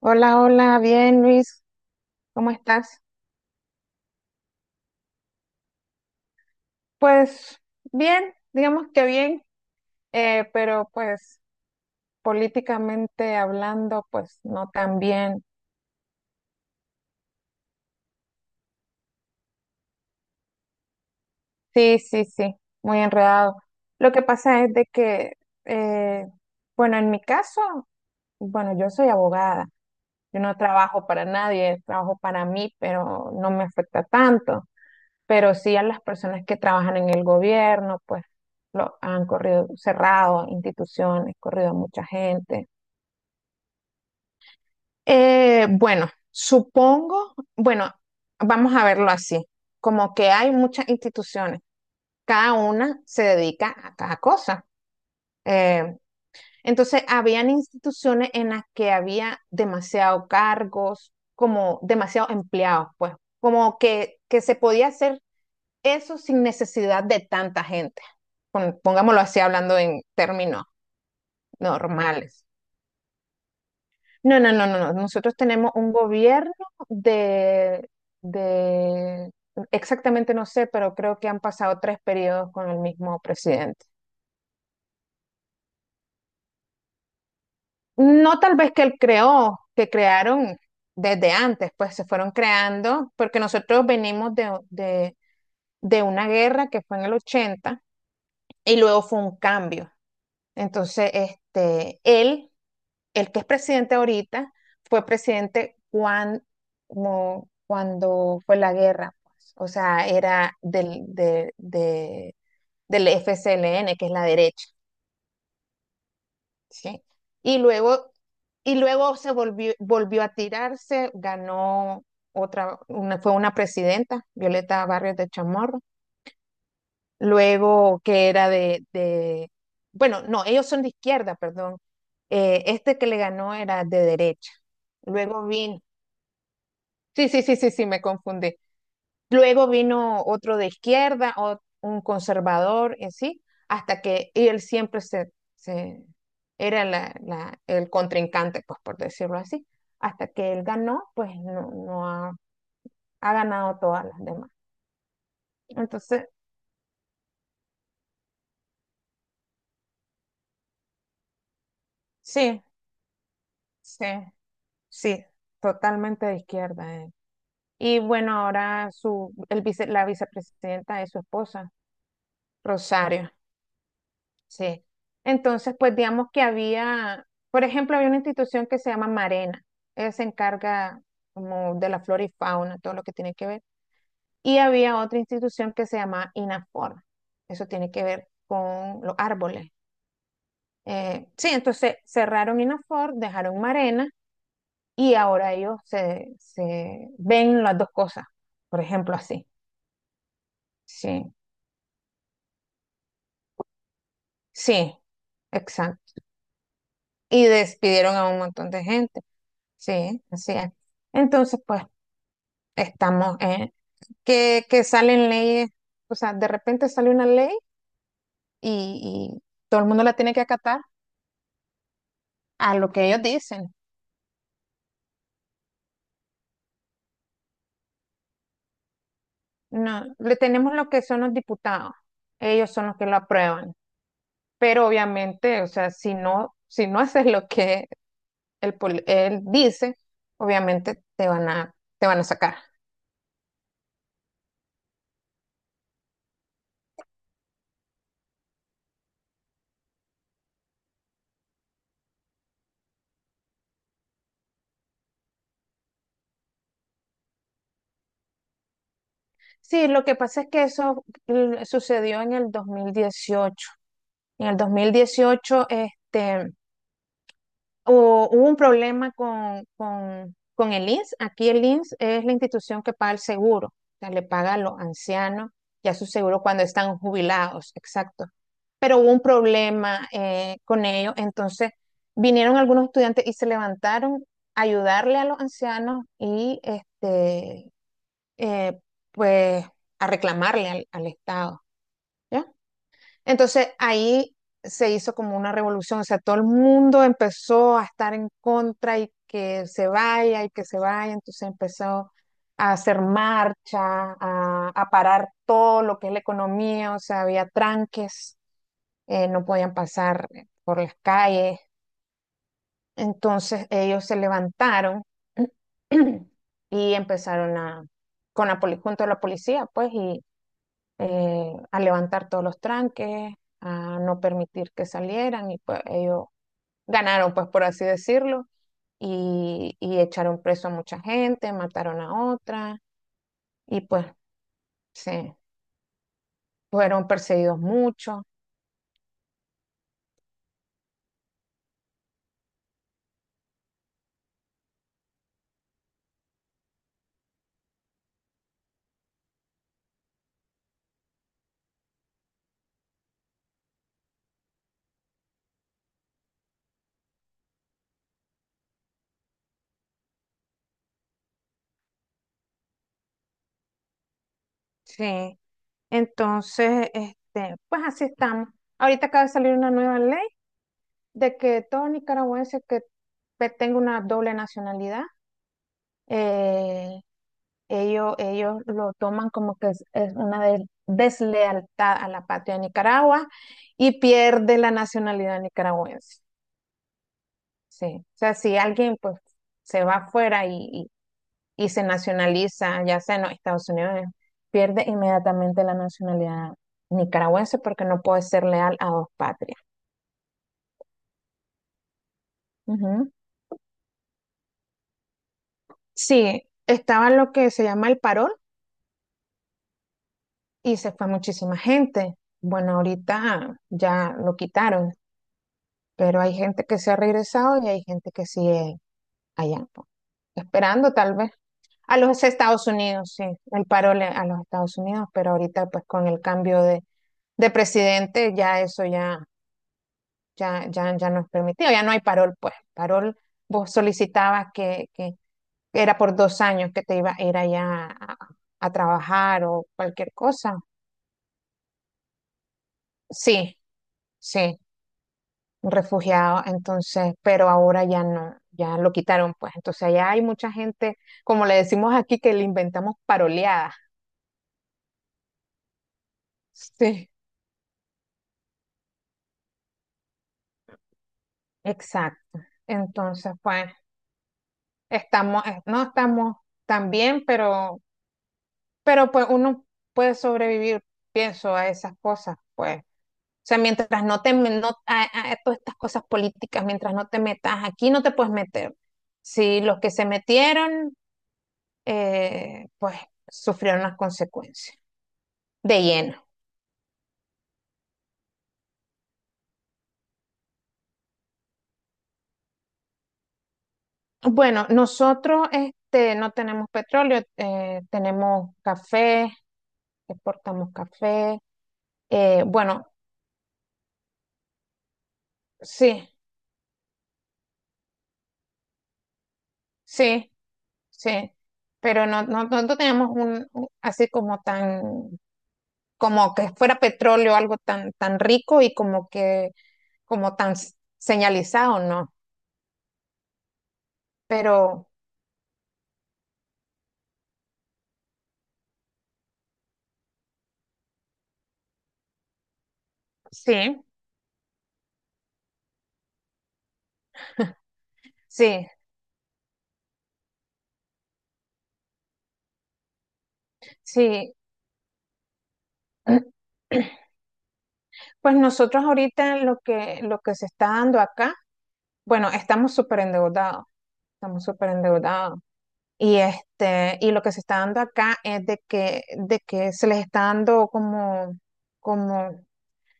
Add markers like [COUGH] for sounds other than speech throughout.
Hola, hola, bien Luis, ¿cómo estás? Pues bien, digamos que bien, pero pues políticamente hablando, pues no tan bien. Sí, sí, sí, muy enredado. Lo que pasa es de que, eh, bueno, en mi caso, bueno, yo soy abogada, yo no trabajo para nadie, trabajo para mí, pero no me afecta tanto. Pero sí a las personas que trabajan en el gobierno, pues lo han corrido cerrado, instituciones, corrido a mucha gente. Bueno, supongo, bueno, vamos a verlo así, como que hay muchas instituciones, cada una se dedica a cada cosa. Eh, entonces, habían instituciones en las que había demasiado cargos, como demasiados empleados, pues, como que se podía hacer eso sin necesidad de tanta gente. Pongámoslo así hablando en términos normales. No, no, no, no, no. Nosotros tenemos un gobierno de, de, exactamente no sé, pero creo que han pasado tres periodos con el mismo presidente. No tal vez que él creó, que crearon desde antes, pues se fueron creando, porque nosotros venimos de una guerra que fue en el 80. Y luego fue un cambio. Entonces, él, el que es presidente ahorita, fue presidente cuando, como cuando fue la guerra, pues. O sea, era del FCLN, que es la derecha, ¿sí? Y luego, y luego, volvió a tirarse, ganó otra, una, fue una presidenta, Violeta Barrios de Chamorro, luego que era bueno, no, ellos son de izquierda, perdón. Este que le ganó era de derecha, luego vino, sí, sí, sí, sí, sí, me confundí, luego vino otro de izquierda, un conservador, y así, hasta que y él siempre se era el contrincante, pues por decirlo así, hasta que él ganó, pues no ha ganado todas las demás. Entonces, sí, sí, sí, totalmente de izquierda. Y bueno, ahora la vicepresidenta es su esposa, Rosario. Sí. Entonces, pues digamos que había, por ejemplo, había una institución que se llama Marena. Ella se encarga como de la flora y fauna, todo lo que tiene que ver. Y había otra institución que se llama Inafor. Eso tiene que ver con los árboles. Sí, entonces cerraron Inafor, dejaron Marena y ahora ellos se ven las dos cosas, por ejemplo, así. Sí. Sí, exacto. Y despidieron a un montón de gente. Sí, así es. Entonces, pues, estamos en que salen leyes, o sea, de repente sale una ley y todo el mundo la tiene que acatar a lo que ellos dicen. No, le tenemos lo que son los diputados. Ellos son los que lo aprueban. Pero obviamente, o sea, si no haces lo que él, él dice, obviamente te van a sacar. Sí, lo que pasa es que eso sucedió en el 2018. En el 2018, hubo un problema con el INSS. Aquí el INSS es la institución que paga el seguro, o sea, le paga a los ancianos ya su seguro cuando están jubilados, exacto. Pero hubo un problema, con ellos, entonces vinieron algunos estudiantes y se levantaron a ayudarle a los ancianos y eh, pues a reclamarle al Estado, ¿ya? Entonces ahí se hizo como una revolución, o sea, todo el mundo empezó a estar en contra y que se vaya y que se vaya, entonces empezó a hacer marcha, a parar todo lo que es la economía, o sea, había tranques, no podían pasar por las calles, entonces ellos se levantaron [CLEARS THROAT] y empezaron a, con la, poli- junto a la policía, pues, y, a levantar todos los tranques, a no permitir que salieran y pues ellos ganaron, pues por así decirlo, y echaron preso a mucha gente, mataron a otra y pues se fueron perseguidos mucho. Sí, entonces, pues así estamos. Ahorita acaba de salir una nueva ley de que todo nicaragüense que tenga una doble nacionalidad eh, ellos lo toman como que es una deslealtad a la patria de Nicaragua y pierde la nacionalidad nicaragüense. Sí. O sea, si alguien pues se va afuera y se nacionaliza, ya sea en los Estados Unidos, pierde inmediatamente la nacionalidad nicaragüense porque no puede ser leal a dos patrias. Ujú. Sí, estaba lo que se llama el parol y se fue muchísima gente. Bueno, ahorita ya lo quitaron. Pero hay gente que se ha regresado y hay gente que sigue allá, pues, esperando tal vez. A los Estados Unidos, sí, a los Estados Unidos, pero ahorita pues con el cambio de presidente ya eso ya no es permitido, ya no hay parol, pues. Parol, vos solicitabas que era por 2 años que te iba a ir allá a trabajar o cualquier cosa. Sí, sí. Un refugiado, entonces, pero ahora ya no, ya lo quitaron, pues. Entonces, allá hay mucha gente, como le decimos aquí, que le inventamos paroleadas. [LAUGHS] Sí. Exacto. Entonces, pues, estamos, no estamos tan bien, pero pues uno puede sobrevivir, pienso, a esas cosas, pues. O sea, mientras no, a todas estas cosas políticas, mientras no te metas aquí, no te puedes meter. Si los que se metieron, pues, sufrieron las consecuencias. De lleno. Bueno, nosotros no tenemos petróleo, tenemos café, exportamos café. Bueno, sí, sí, sí, pero no tenemos un, así como tan, como que fuera petróleo, algo tan, tan rico y como tan señalizado, ¿no? Pero sí, [LAUGHS] sí, sí. [CLEARS THROAT] Pues nosotros ahorita lo que se está dando acá, bueno, estamos súper endeudados, estamos súper endeudados. Y lo que se está dando acá es de que se les está dando como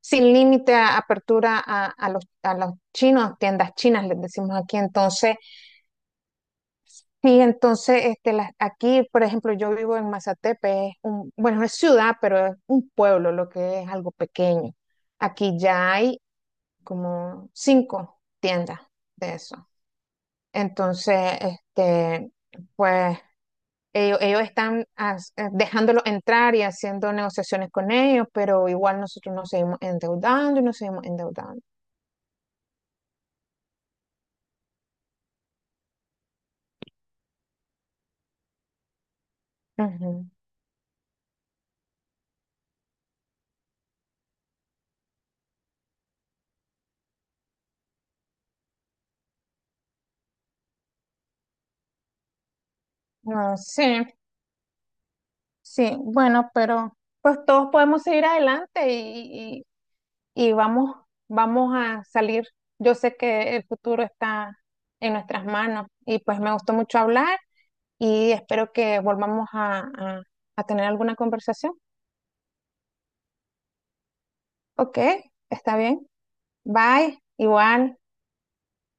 sin límite a apertura a los chinos, tiendas chinas, les decimos aquí. Entonces, sí, entonces, aquí, por ejemplo, yo vivo en Mazatepe, bueno, es ciudad, pero es un pueblo, lo que es algo pequeño. Aquí ya hay como cinco tiendas de eso. Entonces, pues ellos están dejándolos entrar y haciendo negociaciones con ellos, pero igual nosotros nos seguimos endeudando y nos seguimos endeudando. Ujú. No, sí, sí, bueno, pero pues todos podemos seguir adelante y vamos, vamos a salir. Yo sé que el futuro está en nuestras manos y pues me gustó mucho hablar y espero que volvamos a tener alguna conversación. Ok, está bien. Bye, igual.